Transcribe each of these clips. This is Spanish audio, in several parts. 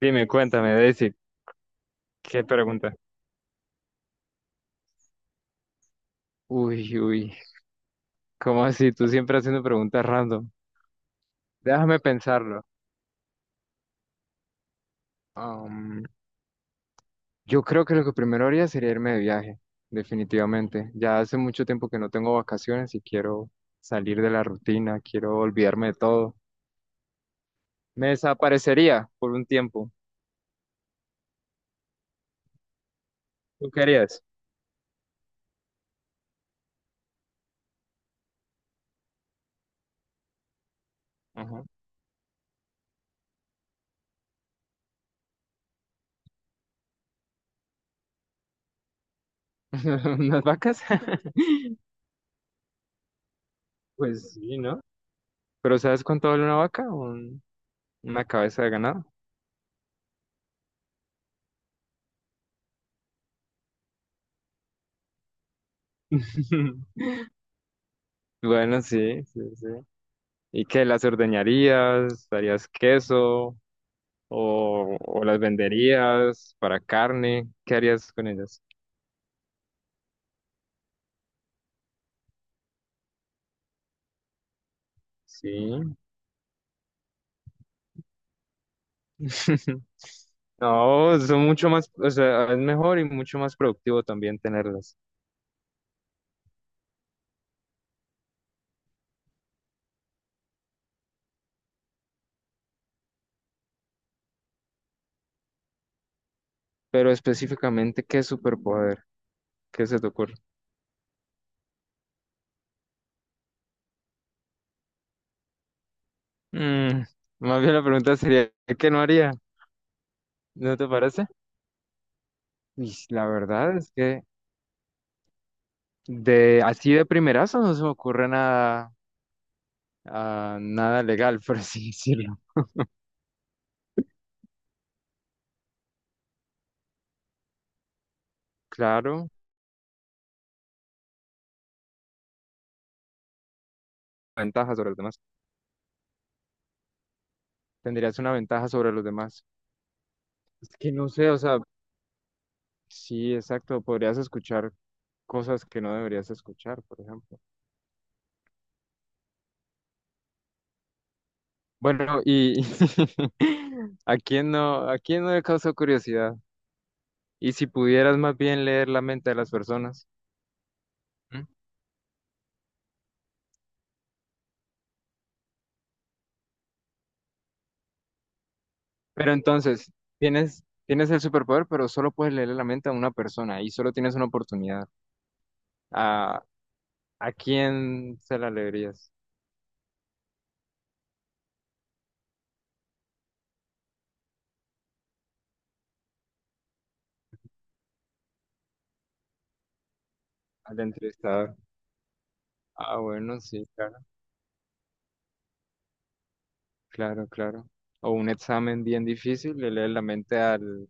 Dime, cuéntame, Daisy, ¿qué pregunta? Uy, uy, ¿cómo así? Tú siempre haciendo preguntas random. Déjame pensarlo. Am, yo creo que lo que primero haría sería irme de viaje, definitivamente. Ya hace mucho tiempo que no tengo vacaciones y quiero salir de la rutina, quiero olvidarme de todo. Me desaparecería por un tiempo. ¿Tú querías? Ajá. ¿Unas vacas? Pues sí, ¿no? ¿Pero sabes cuánto vale una vaca? Una cabeza de ganado. Bueno, sí, sí, sí. ¿Y qué? ¿Las ordeñarías? ¿Harías queso? ¿O las venderías para carne? ¿Qué harías con ellas? Sí. No, son mucho más, o sea, es mejor y mucho más productivo también tenerlas. Pero específicamente, ¿qué superpoder? ¿Qué se te ocurre? Mm, más bien la pregunta sería, ¿qué no haría? ¿No te parece? Y la verdad es que de así de primerazo no se me ocurre nada. Ah, nada legal, por así decirlo. Claro, ventaja sobre los demás. Tendrías una ventaja sobre los demás. Es que no sé, o sea, sí, exacto, podrías escuchar cosas que no deberías escuchar, por ejemplo. Bueno, y a quién no le causó curiosidad? Y si pudieras más bien leer la mente de las personas. ¿Mm? Pero entonces, tienes el superpoder, pero solo puedes leer la mente a una persona y solo tienes una oportunidad. ¿A, ¿a quién se la leerías? Al entrevistador. Ah, bueno, sí, claro, claro, claro. O un examen bien difícil, le lees la mente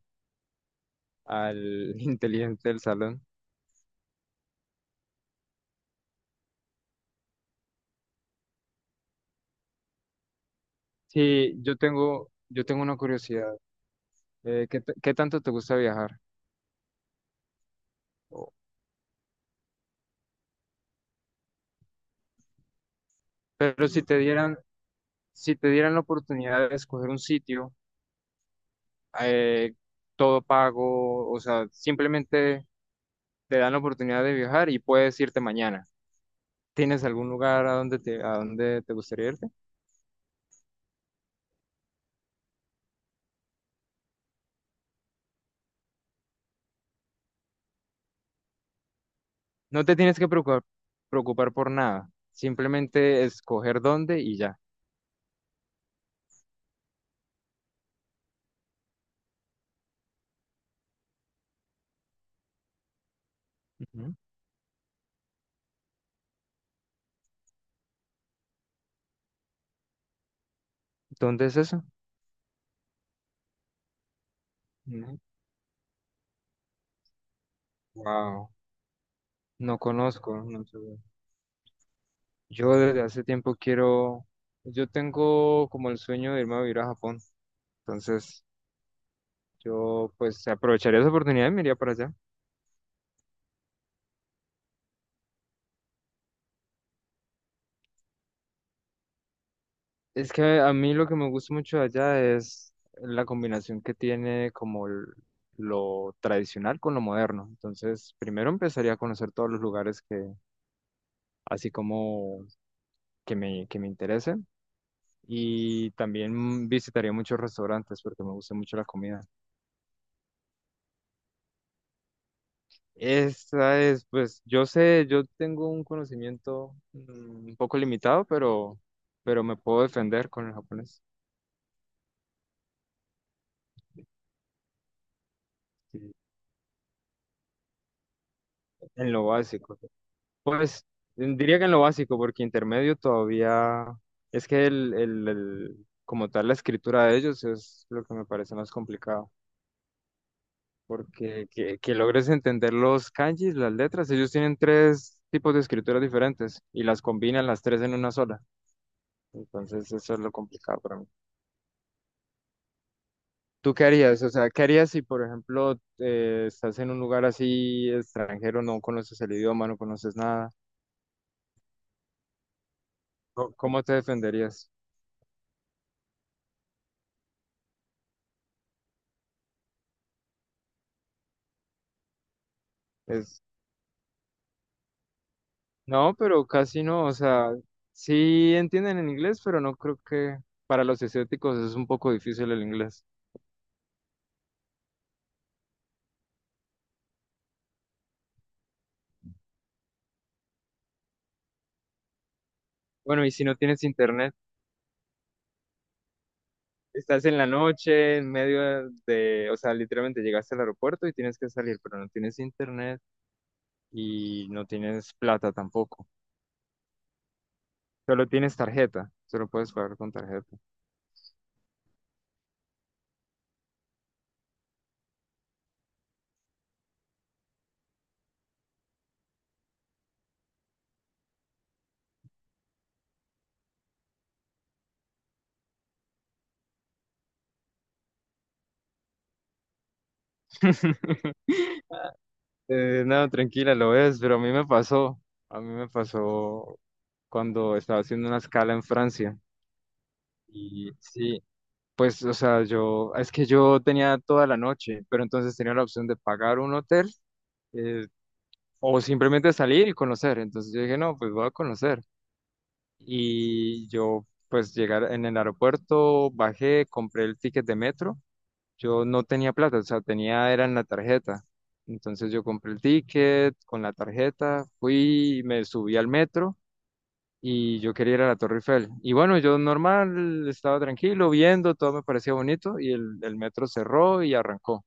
al inteligente del salón. Sí, yo tengo una curiosidad. ¿Qué, qué tanto te gusta viajar? O- Pero si te dieran la oportunidad de escoger un sitio, eh, todo pago, o sea, simplemente te dan la oportunidad de viajar y puedes irte mañana. ¿Tienes algún lugar a donde a donde te gustaría ir? No te tienes que preocupar por nada. Simplemente escoger dónde y ya. Ujú. ¿Dónde es eso? Wow. No conozco, no sé. Yo desde hace tiempo quiero, pues, yo tengo como el sueño de irme a vivir a Japón. Entonces, yo pues aprovecharía esa oportunidad y me iría para allá. Es que a mí lo que me gusta mucho de allá es la combinación que tiene como lo tradicional con lo moderno. Entonces, primero empezaría a conocer todos los lugares que, así como que que me interesen. Y también visitaría muchos restaurantes porque me gusta mucho la comida. Esa es, pues, yo sé, yo tengo un conocimiento un poco limitado, pero me puedo defender con el japonés. Sí, en lo básico. Pues, diría que en lo básico, porque intermedio todavía es que como tal la escritura de ellos es lo que me parece más complicado. Porque que logres entender los kanjis, las letras, ellos tienen tres tipos de escrituras diferentes y las combinan las tres en una sola. Entonces eso es lo complicado para mí. ¿Tú qué harías? O sea, ¿qué harías si, por ejemplo, estás en un lugar así extranjero, no conoces el idioma, no conoces nada? ¿Cómo te defenderías? Es, no, pero casi no. O sea, sí entienden el inglés, pero no creo que para los asiáticos es un poco difícil el inglés. Bueno, y si no tienes internet. Estás en la noche, en medio de, o sea, literalmente llegaste al aeropuerto y tienes que salir, pero no tienes internet y no tienes plata tampoco. Solo tienes tarjeta, solo puedes pagar con tarjeta. No, tranquila, lo ves, pero a mí me pasó cuando estaba haciendo una escala en Francia. Y sí, pues, o sea, yo, es que yo tenía toda la noche, pero entonces tenía la opción de pagar un hotel, eh, o simplemente salir y conocer. Entonces yo dije, no, pues voy a conocer. Y yo pues llegar en el aeropuerto, bajé, compré el ticket de metro. Yo no tenía plata, o sea, tenía era en la tarjeta. Entonces yo compré el ticket con la tarjeta, fui, me subí al metro y yo quería ir a la Torre Eiffel. Y bueno, yo normal, estaba tranquilo, viendo, todo me parecía bonito y el metro cerró y arrancó.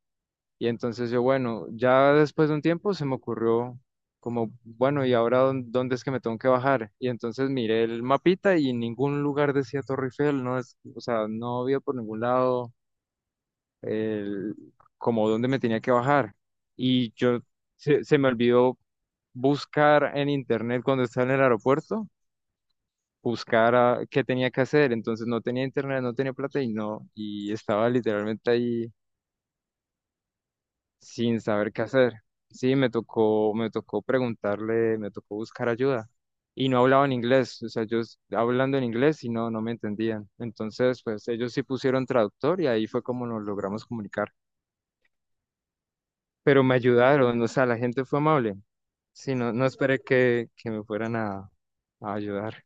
Y entonces yo, bueno, ya después de un tiempo se me ocurrió como, bueno, ¿y ahora dónde es que me tengo que bajar? Y entonces miré el mapita y en ningún lugar decía Torre Eiffel, no es, o sea, no había por ningún lado el, como dónde me tenía que bajar. Y yo se me olvidó buscar en internet cuando estaba en el aeropuerto, buscar qué tenía que hacer. Entonces no tenía internet, no tenía plata y no, y estaba literalmente ahí sin saber qué hacer. Sí, me tocó preguntarle, me tocó buscar ayuda. Y no hablaban inglés, o sea, ellos hablando en inglés y no, no me entendían. Entonces, pues ellos sí pusieron traductor y ahí fue como nos logramos comunicar. Pero me ayudaron, o sea, la gente fue amable. Sí, no, no esperé que me fueran a ayudar.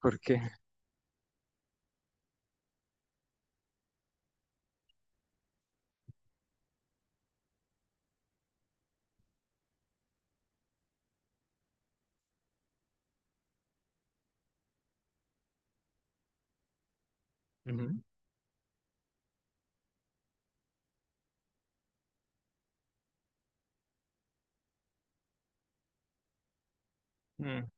Porque ujú. Mm,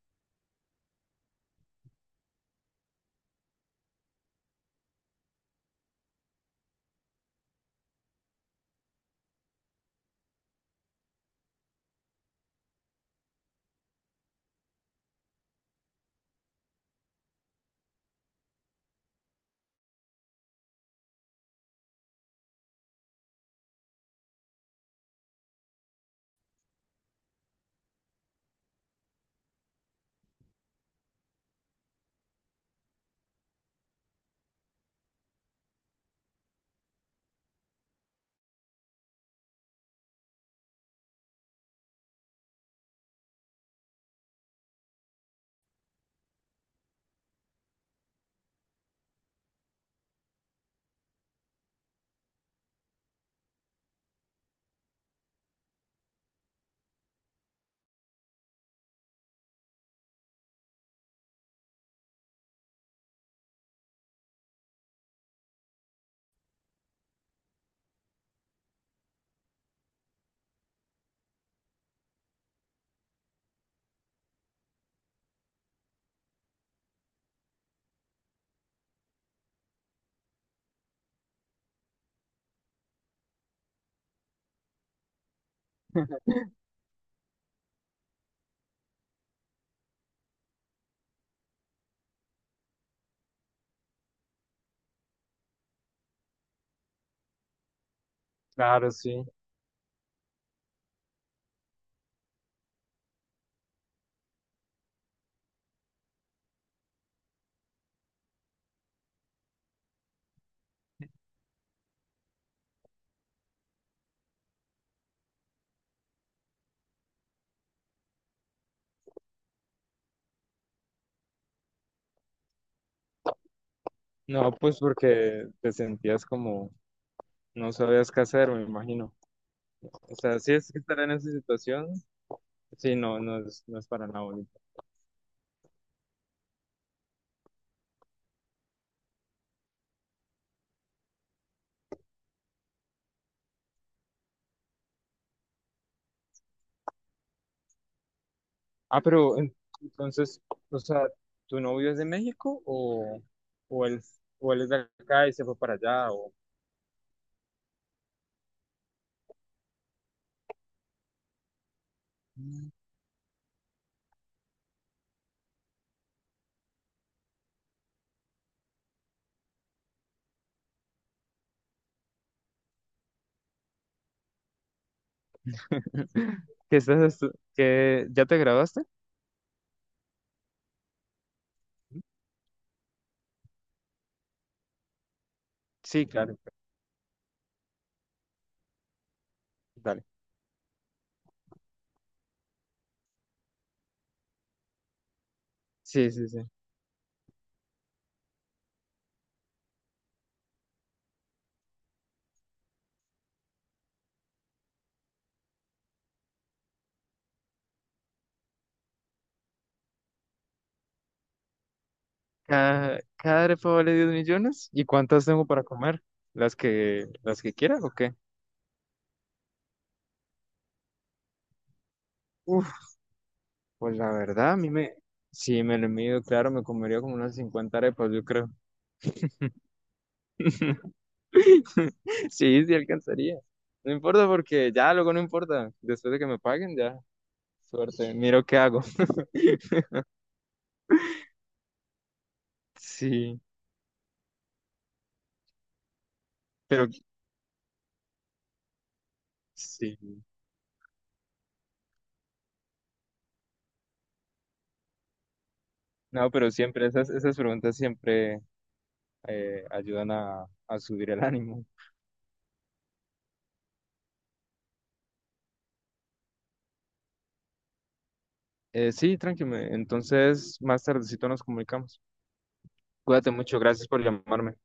claro, sí. No, pues porque te sentías como no sabías qué hacer, me imagino. O sea, sí es que estar en esa situación. Sí, no, no es, no es para nada bonito. Ah, pero entonces, o sea, ¿tu novio es de México o él, o él es de acá y se fue para allá? O... Mm. ¿Qué estás ¿Ya te graduaste? Sí, claro, dale. Sí, sí, sí. Cada arepa vale 10 millones. ¿Y cuántas tengo para comer? ¿Las que quiera o qué? Uf, pues la verdad, si me lo mido, claro, me comería como unas 50 arepas, yo creo. Sí, sí alcanzaría. No importa porque ya luego no importa. Después de que me paguen, ya, suerte. Miro qué hago. Sí, pero sí. No, pero siempre esas preguntas siempre ayudan a subir el ánimo. Sí, tranquilo. Entonces, más tardecito nos comunicamos. Cuídate mucho. Gracias por llamarme.